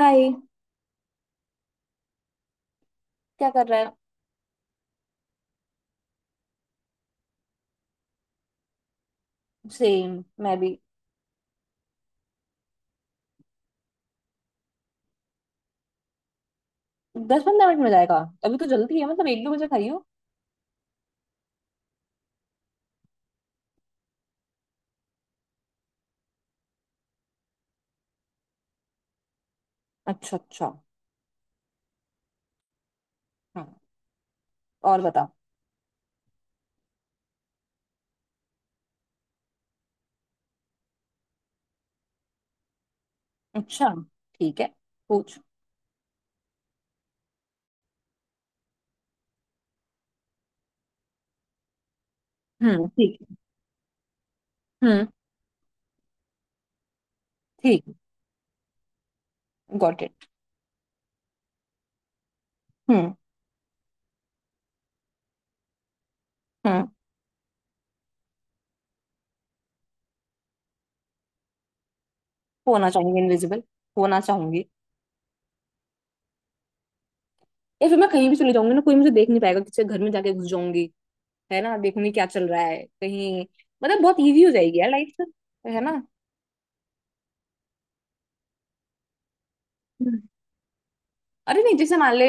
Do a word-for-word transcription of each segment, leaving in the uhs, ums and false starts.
हाय। क्या कर रहा है? सेम। मैं भी। दस पंद्रह मिनट में जाएगा? अभी तो जल्दी है, मतलब एक दो बजे खाई हो। अच्छा, अच्छा। हाँ। और बता। अच्छा। ठीक है। पूछ। हम्म, ठीक है। हम्म। ठीक। Got it. हम्म, हम्म। होना चाहूंगी इनविजिबल। होना चाहूंगी। या फिर मैं कहीं भी चली जाऊंगी ना, कोई मुझे देख नहीं पाएगा, किसी के घर में जाके घुस जाऊंगी। है ना? देखूंगी क्या चल रहा है कहीं। मतलब बहुत इजी हो जाएगी यार लाइफ। है ना? अरे नहीं, जैसे मान ले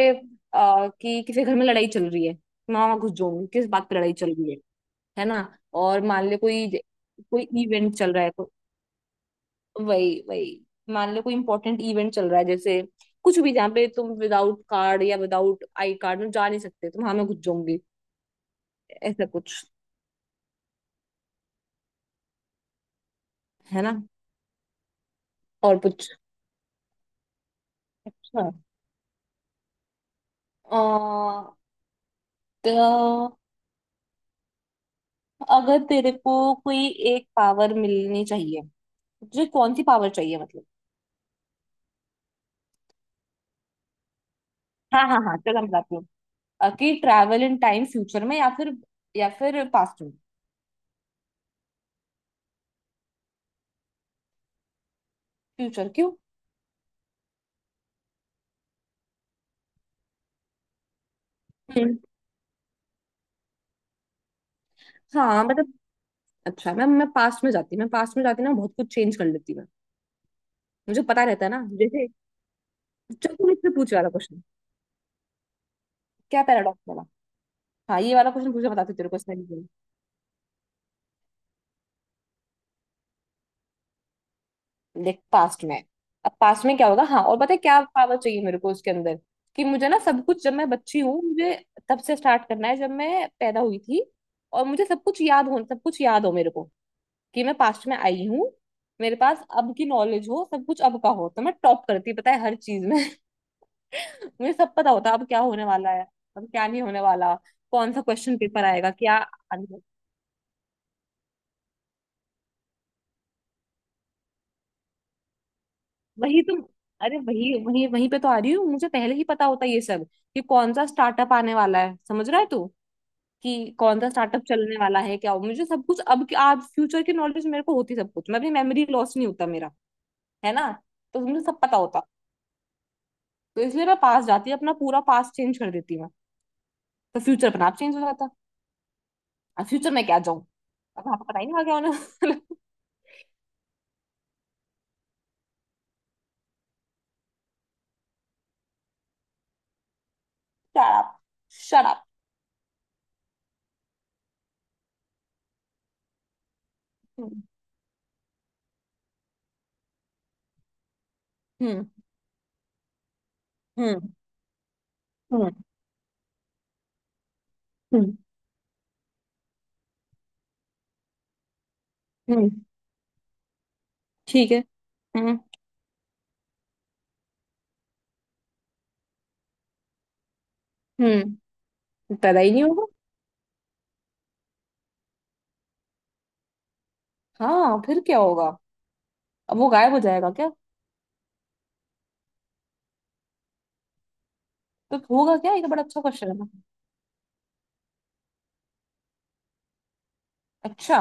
आ, कि किसी घर में लड़ाई चल रही है। मामा घुस जाऊंगी, किस बात पे लड़ाई चल रही है। है ना? और मान ले कोई कोई इवेंट चल रहा है तो। वही, वही। मान ले कोई इंपॉर्टेंट इवेंट चल रहा है, जैसे कुछ भी जहाँ पे तुम विदाउट कार्ड या विदाउट आई कार्ड में जा नहीं सकते, तो वहां मैं घुस जाऊंगी। ऐसा कुछ। है ना? और कुछ? अच्छा। अ, तो अगर तेरे को कोई एक पावर मिलनी चाहिए, तुझे कौन सी पावर चाहिए मतलब। हाँ, हाँ, हाँ, चलो मैं बताती हूँ। अ, कि ट्रैवल इन टाइम, फ्यूचर में या फिर या फिर पास्ट में। फ्यूचर क्यों? हम्म, हाँ, मतलब। अच्छा मैं मैं पास्ट में जाती, मैं पास्ट में जाती ना बहुत कुछ चेंज कर लेती मैं। मुझे पता रहता है ना जैसे। चल, तू मुझसे पूछ वाला क्वेश्चन। क्या पैराडॉक्स वाला? हाँ, ये वाला क्वेश्चन पूछा, बताती हूँ तेरे को इसमें भी। देख, पास्ट में। अब पास्ट में क्या होगा, हाँ, और पता है क्या पावर चाहिए मेरे को उसके अंदर। कि मुझे ना सब कुछ, जब मैं बच्ची हूँ मुझे तब से स्टार्ट करना है, जब मैं पैदा हुई थी। और मुझे सब कुछ याद हो, सब कुछ याद हो मेरे को। कि मैं पास्ट में आई हूँ। मेरे पास अब की नॉलेज हो, सब कुछ अब का हो, तो मैं टॉप करती पता है हर चीज में। मुझे सब पता होता अब क्या होने वाला है, अब क्या नहीं होने वाला। कौन सा क्वेश्चन पेपर आएगा, क्या। आने- वही तो। अरे वही, वही, वहीं पे तो आ रही हूँ, मुझे पहले ही पता होता ये सब। कि कौन सा स्टार्टअप आने वाला है, समझ रहा है तू। कि कौन सा स्टार्टअप चलने वाला है, क्या हो, मुझे सब कुछ अब आज फ्यूचर की नॉलेज मेरे को होती, सब कुछ, मैं अपनी मेमोरी लॉस नहीं होता मेरा। है ना? तो मुझे सब पता होता। तो इसलिए मैं पास जाती, अपना पूरा पास चेंज कर देती। तो फ्यूचर अपना आप चेंज हो जाता। अब फ्यूचर में क्या जाऊं। अब वहां पर पता ही नहीं लगा उन्हें। Shut up, shut up. हम्म, हम्म, हम्म, हम्म, हम्म। ठीक है। हम्म, हम्म। पैदा ही नहीं होगा। हाँ फिर क्या होगा। अब वो गायब हो जाएगा क्या? तो होगा क्या, ये तो बड़ा अच्छा क्वेश्चन है ना। अच्छा।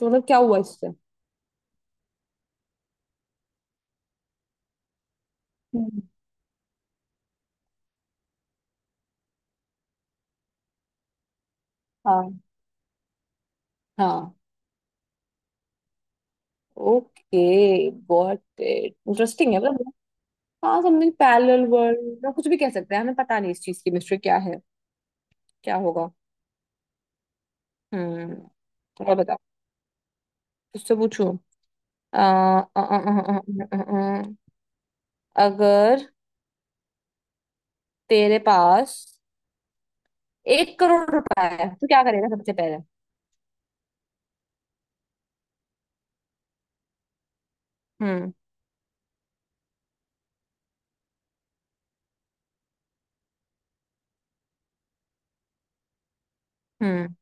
तो मतलब क्या हुआ इससे? हम्म, हाँ, हाँ, ओके, गॉट इट, इंटरेस्टिंग है मतलब। हाँ, समथिंग पैरेलल वर्ल्ड, कुछ भी कह सकते हैं, हमें पता नहीं इस चीज की मिस्ट्री क्या है। क्या होगा। हम्म। और बताओ। उससे पूछू। आ, आ, आ, आ, आ, आ, आ, आ, आ, अगर तेरे पास एक करोड़ रुपए है तो क्या करेगा सबसे पहले। हम्म, हम्म,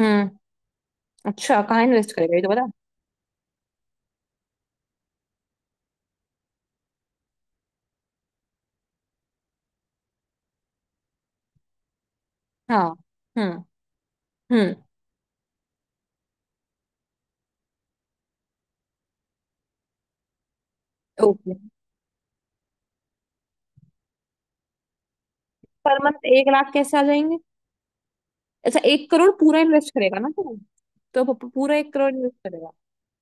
हम्म। अच्छा, कहाँ इन्वेस्ट करेगा ये तो बता। हाँ। हम्म, हम्म। ओके। पर मंथ एक लाख कैसे आ जाएंगे? अच्छा, एक करोड़ पूरा इन्वेस्ट करेगा ना तू? तो प- पूरा एक करोड़ इन्वेस्ट करेगा।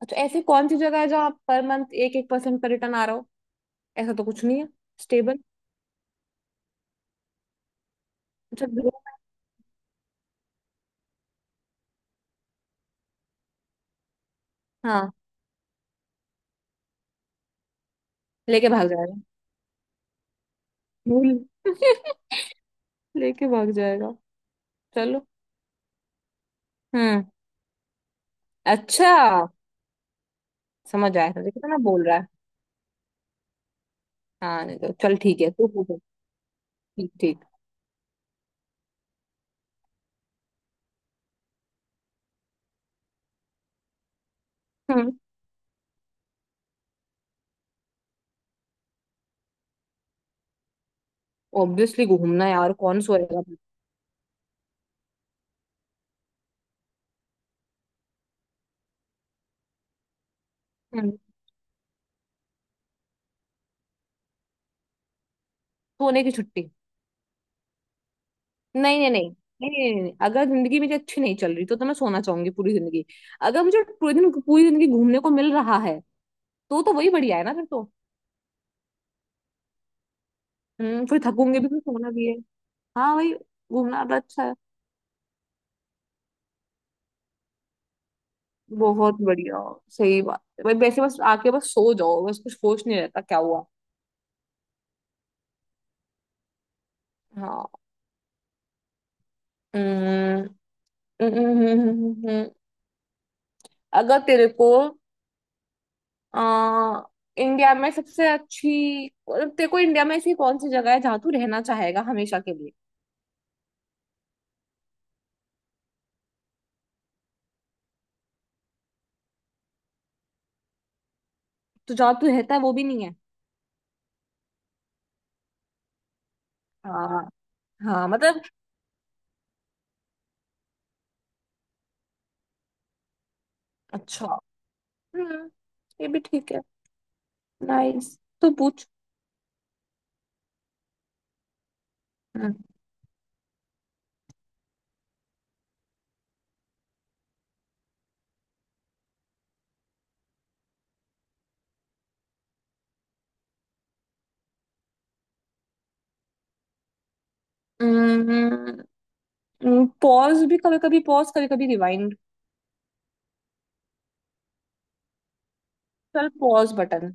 अच्छा, ऐसी कौन सी जगह है जहाँ पर मंथ एक एक परसेंट का रिटर्न आ रहा हो। ऐसा तो कुछ नहीं है। स्टेबल। अच्छा, ग्रोथ। हाँ। लेके भाग जाएगा। भूल। लेके भाग जाएगा। चलो। हम्म। अच्छा। समझ आया था कितना बोल रहा है। हाँ नहीं तो, चल ठीक है, तू पूछ। ठीक, ठीक। हम्म। ऑब्वियसली घूमना, यार कौन सोएगा। हम्म। सोने की छुट्टी। नहीं, नहीं, नहीं। नहीं, नहीं, नहीं, नहीं। अगर जिंदगी मेरी अच्छी नहीं चल रही तो तो मैं सोना चाहूंगी पूरी जिंदगी। अगर मुझे पूरी दिन पूरी जिंदगी घूमने को मिल रहा है तो तो वही बढ़िया है ना फिर तो। हम्म, फिर थकूंगी भी, फिर सोना भी है। हाँ भाई। घूमना तो अच्छा है। बहुत बढ़िया। सही बात है भाई, वैसे बस आके बस सो जाओ, बस कुछ होश नहीं रहता क्या हुआ। हाँ। हम्म, हम्म, हम्म, हम्म, हम्म। अगर तेरे को आ, इंडिया में सबसे अच्छी, मतलब तेरे को इंडिया में ऐसी कौन सी जगह है जहाँ तू रहना चाहेगा हमेशा के लिए। तो जहाँ तू रहता है वो भी नहीं है? हाँ, हाँ, मतलब। अच्छा। हम्म। ये भी ठीक है। नाइस, तो पूछ। हम्म। पॉज भी, कभी कभी पॉज, कभी कभी रिवाइंड। चल, पॉज बटन।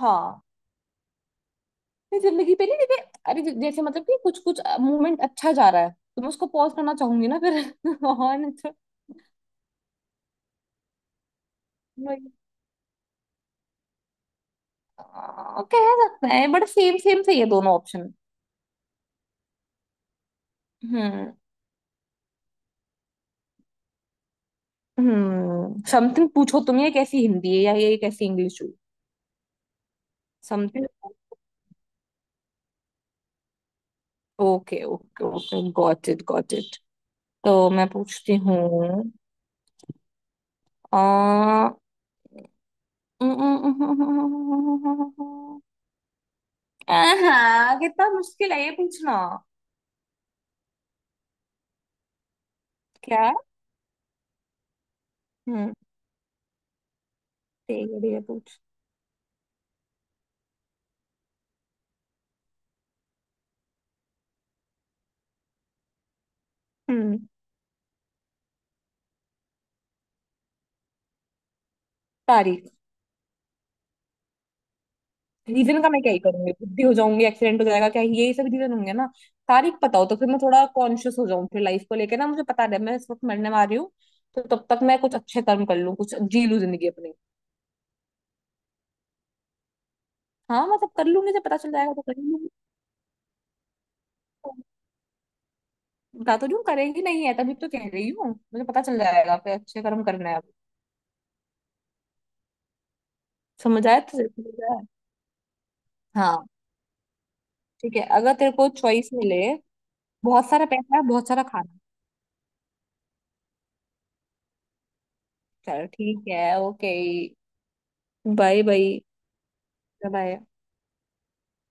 हाँ। ये जिंदगी पे नहीं देखे। अरे जै- जैसे मतलब कि कुछ कुछ मूवमेंट अच्छा जा रहा है तो मैं उसको पॉज करना चाहूंगी ना फिर। और नहीं तो। वही- आ, कह सकते हैं, बट सेम सेम से ये दोनों ऑप्शन। हम्म। हम्म, समथिंग पूछो तुम, ये कैसी हिंदी है या ये कैसी इंग्लिश हुई। Something. Okay, okay, okay, got it, got it. तो मैं पूछती हूँ। आ हाँ, कितना मुश्किल है ये पूछना। क्या? हम्म। ठीक है, ठीक है, पूछ। हम्म। तारीख। रीजन का मैं क्या ही करूंगी, बुद्धि हो जाऊंगी, एक्सीडेंट हो जाएगा, क्या यही सब रीजन होंगे ना। तारीख पता हो तो फिर मैं थोड़ा कॉन्शियस हो जाऊं फिर लाइफ को लेके ना, मुझे पता है मैं इस वक्त मरने वाली हूँ। तो तब तक मैं कुछ अच्छे कर्म कर लूं, कुछ जी लूं जिंदगी अपनी। हाँ मतलब कर लूंगी, जब पता चल जाएगा तो कर लूंगी। बता तो रही हूँ करेंगी, नहीं है तभी तो कह रही हूँ, मुझे पता चल जाएगा फिर अच्छे कर्म करना है अब। समझ आया तुझे, समझ आया? हाँ। ठीक है, अगर तेरे को चॉइस मिले, बहुत सारा पैसा, बहुत सारा खाना। चल ठीक है, ओके, बाय बाय। बाय।